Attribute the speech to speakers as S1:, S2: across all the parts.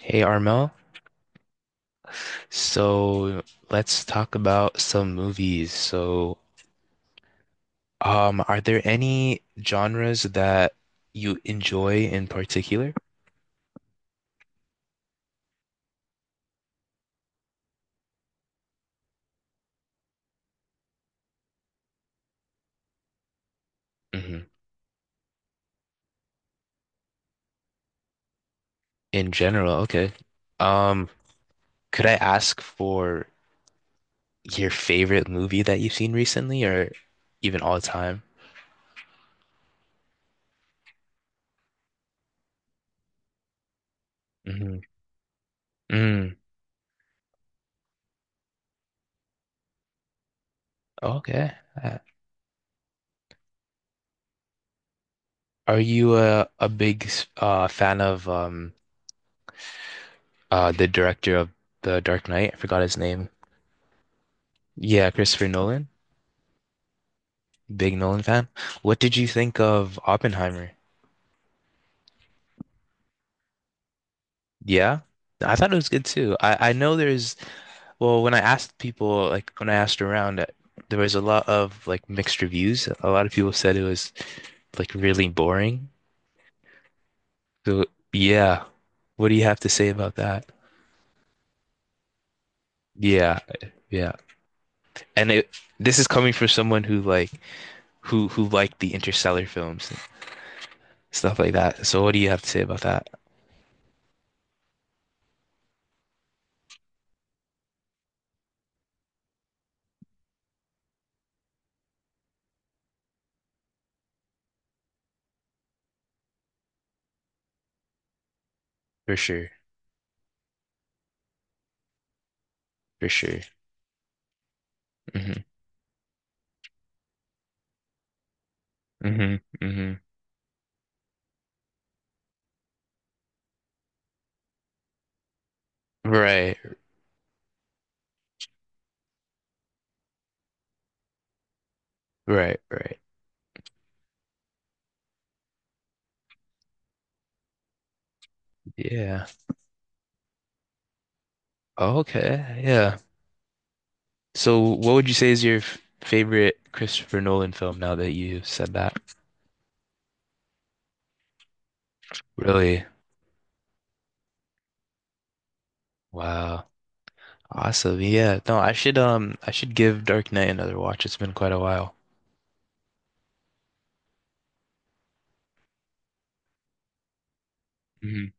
S1: Hey Armel, so let's talk about some movies. Are there any genres that you enjoy in particular? Hmm. In general, okay. Um, could I ask for your favorite movie that you've seen recently or even all time? Mm-hmm. Mm, okay. Uh, Are you a big fan of the director of The Dark Knight? I forgot his name. Yeah, Christopher Nolan. Big Nolan fan. What did you think of Oppenheimer? Yeah. I thought it was good too. I know there's well, when I asked people, like when I asked around there was a lot of like mixed reviews. A lot of people said it was like really boring. So yeah. What do you have to say about that? Yeah. Yeah. and it This is coming from someone who liked the Interstellar films and stuff like that, so what do you have to say about that? For sure. For sure. Hmm. Hmm. Hmm. Right, right, right. Yeah, okay, yeah. So what would you say is your favorite Christopher Nolan film, now that you said that? Really? Wow. Awesome. Yeah, no, I should I should give Dark Knight another watch, it's been quite a while. Hmm.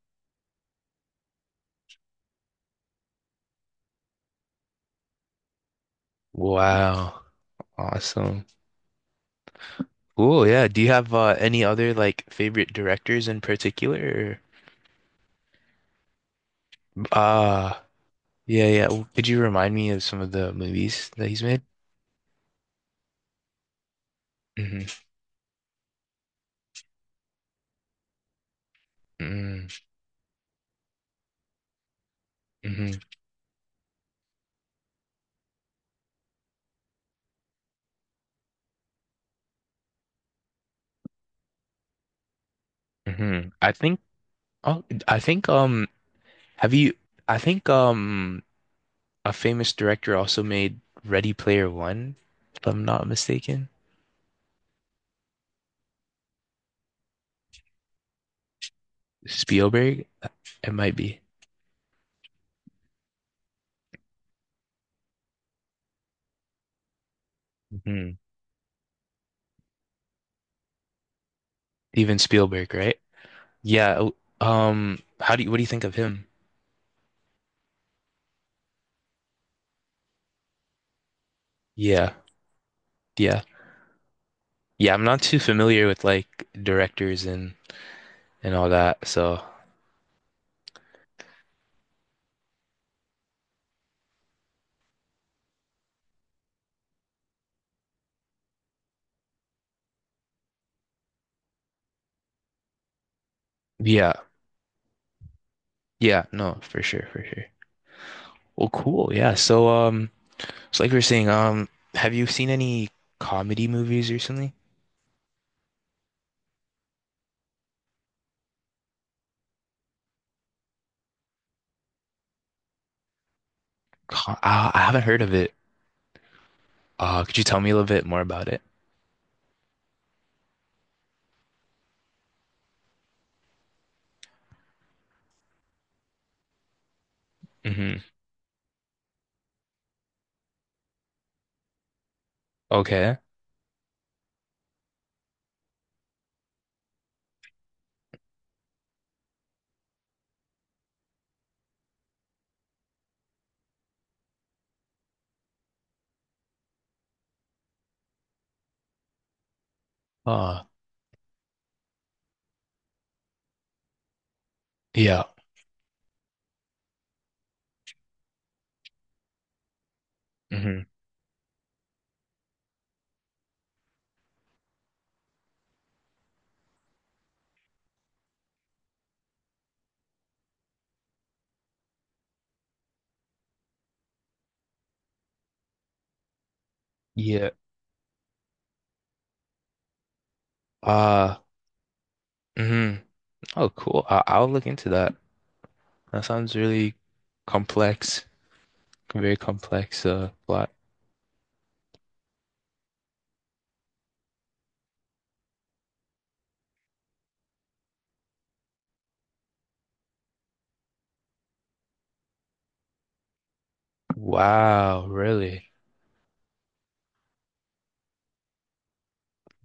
S1: Wow. Awesome. Cool, yeah. Do you have any other like favorite directors in particular? Or- Ah, yeah, yeah. Could you remind me of some of the movies that he's made? Hmm. Hmm. Hmm. hmm I think Oh, I think have you I think um a famous director also made Ready Player One, if I'm not mistaken. Spielberg? It might be. Hmm. Steven Spielberg, right? Yeah. How do you what do you think of him? Yeah. Yeah. Yeah, I'm not too familiar with like directors and all that. So yeah, yeah, no, for sure, for sure. Well, cool. Yeah. So like we were saying, have you seen any comedy movies recently? Co I haven't heard of it. Could you tell me a little bit more about it? Hmm. Okay. Uh, yeah. Hmm. Yeah. Uh, hmm. Oh, cool. I'll look into that. That sounds really complex, very complex plot. Wow, really?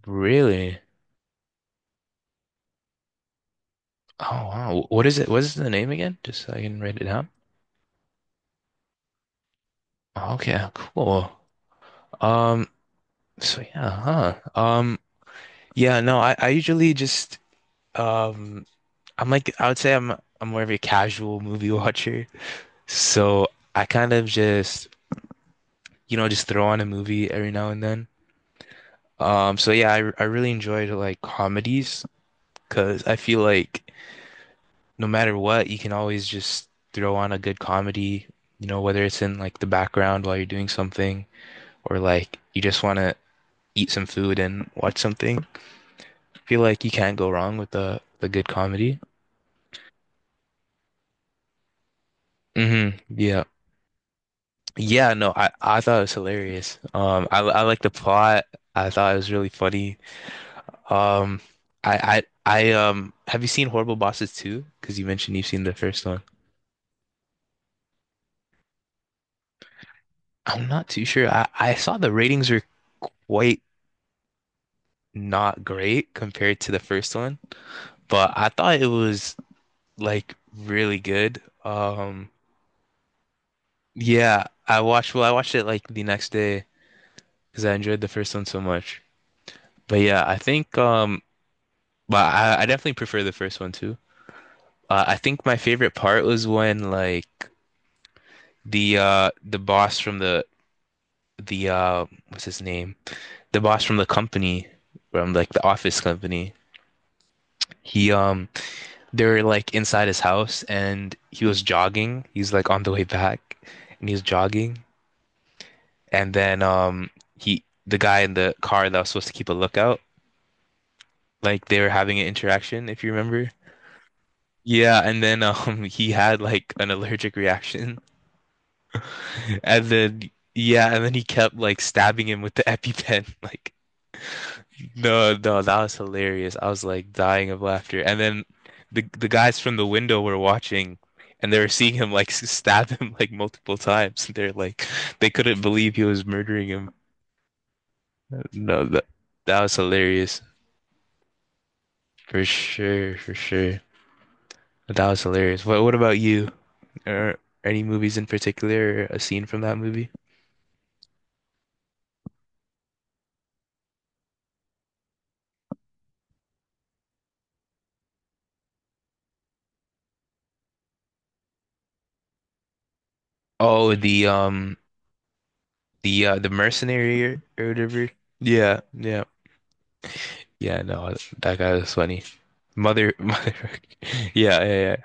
S1: Really? Oh wow. What is it? What is the name again? Just so I can write it down. Okay, cool. Um, so yeah, huh. Um, yeah, no, I usually just um I would say I'm more of a casual movie watcher. So I kind of just, you know, just throw on a movie every now and then. So yeah, I really enjoyed like comedies because I feel like no matter what, you can always just throw on a good comedy, whether it's in like the background while you're doing something or like you just want to eat some food and watch something. I feel like you can't go wrong with the good comedy. Hmm. Yeah. Yeah, no, I thought it was hilarious. I like the plot. I thought it was really funny. Um I Have you seen Horrible Bosses 2? Because you mentioned you've seen the first one. I'm not too sure. I saw the ratings were quite not great compared to the first one, but I thought it was like really good. Yeah, I watched, well, I watched it like the next day because I enjoyed the first one so much. But yeah, I think, but I definitely prefer the first one too. I think my favorite part was when like the boss from the what's his name? The boss from the company, from like the office company. He They were like inside his house and he was jogging. He's like on the way back and he's jogging. And then he the guy in the car that was supposed to keep a lookout, like they were having an interaction, if you remember. Yeah, and then he had like an allergic reaction. And then yeah, and then he kept like stabbing him with the EpiPen. Like no, no, that was hilarious. I was like dying of laughter. And then the guys from the window were watching and they were seeing him like stab him like multiple times. They're like they couldn't believe he was murdering him. No, that that was hilarious. For sure, for sure. That was hilarious. What about you? Or any movies in particular or a scene from that movie? Oh, the mercenary, or whatever. Yeah, yeah. Yeah, no, that guy was funny. Mother, mother. Yeah, yeah, yeah.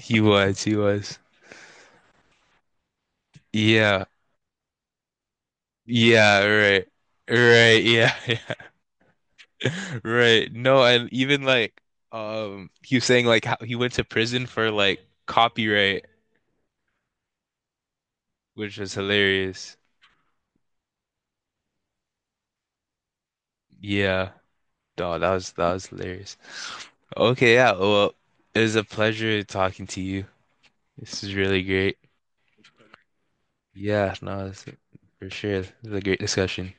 S1: He was, he was. Yeah, yeah, right, right, yeah, yeah, right. No, and even like, he was saying like how he went to prison for like copyright, which was hilarious. Yeah, no, that was hilarious. Okay, yeah. Well, it was a pleasure talking to you. This is really great. Yeah, no, it's, For sure. It was a great discussion.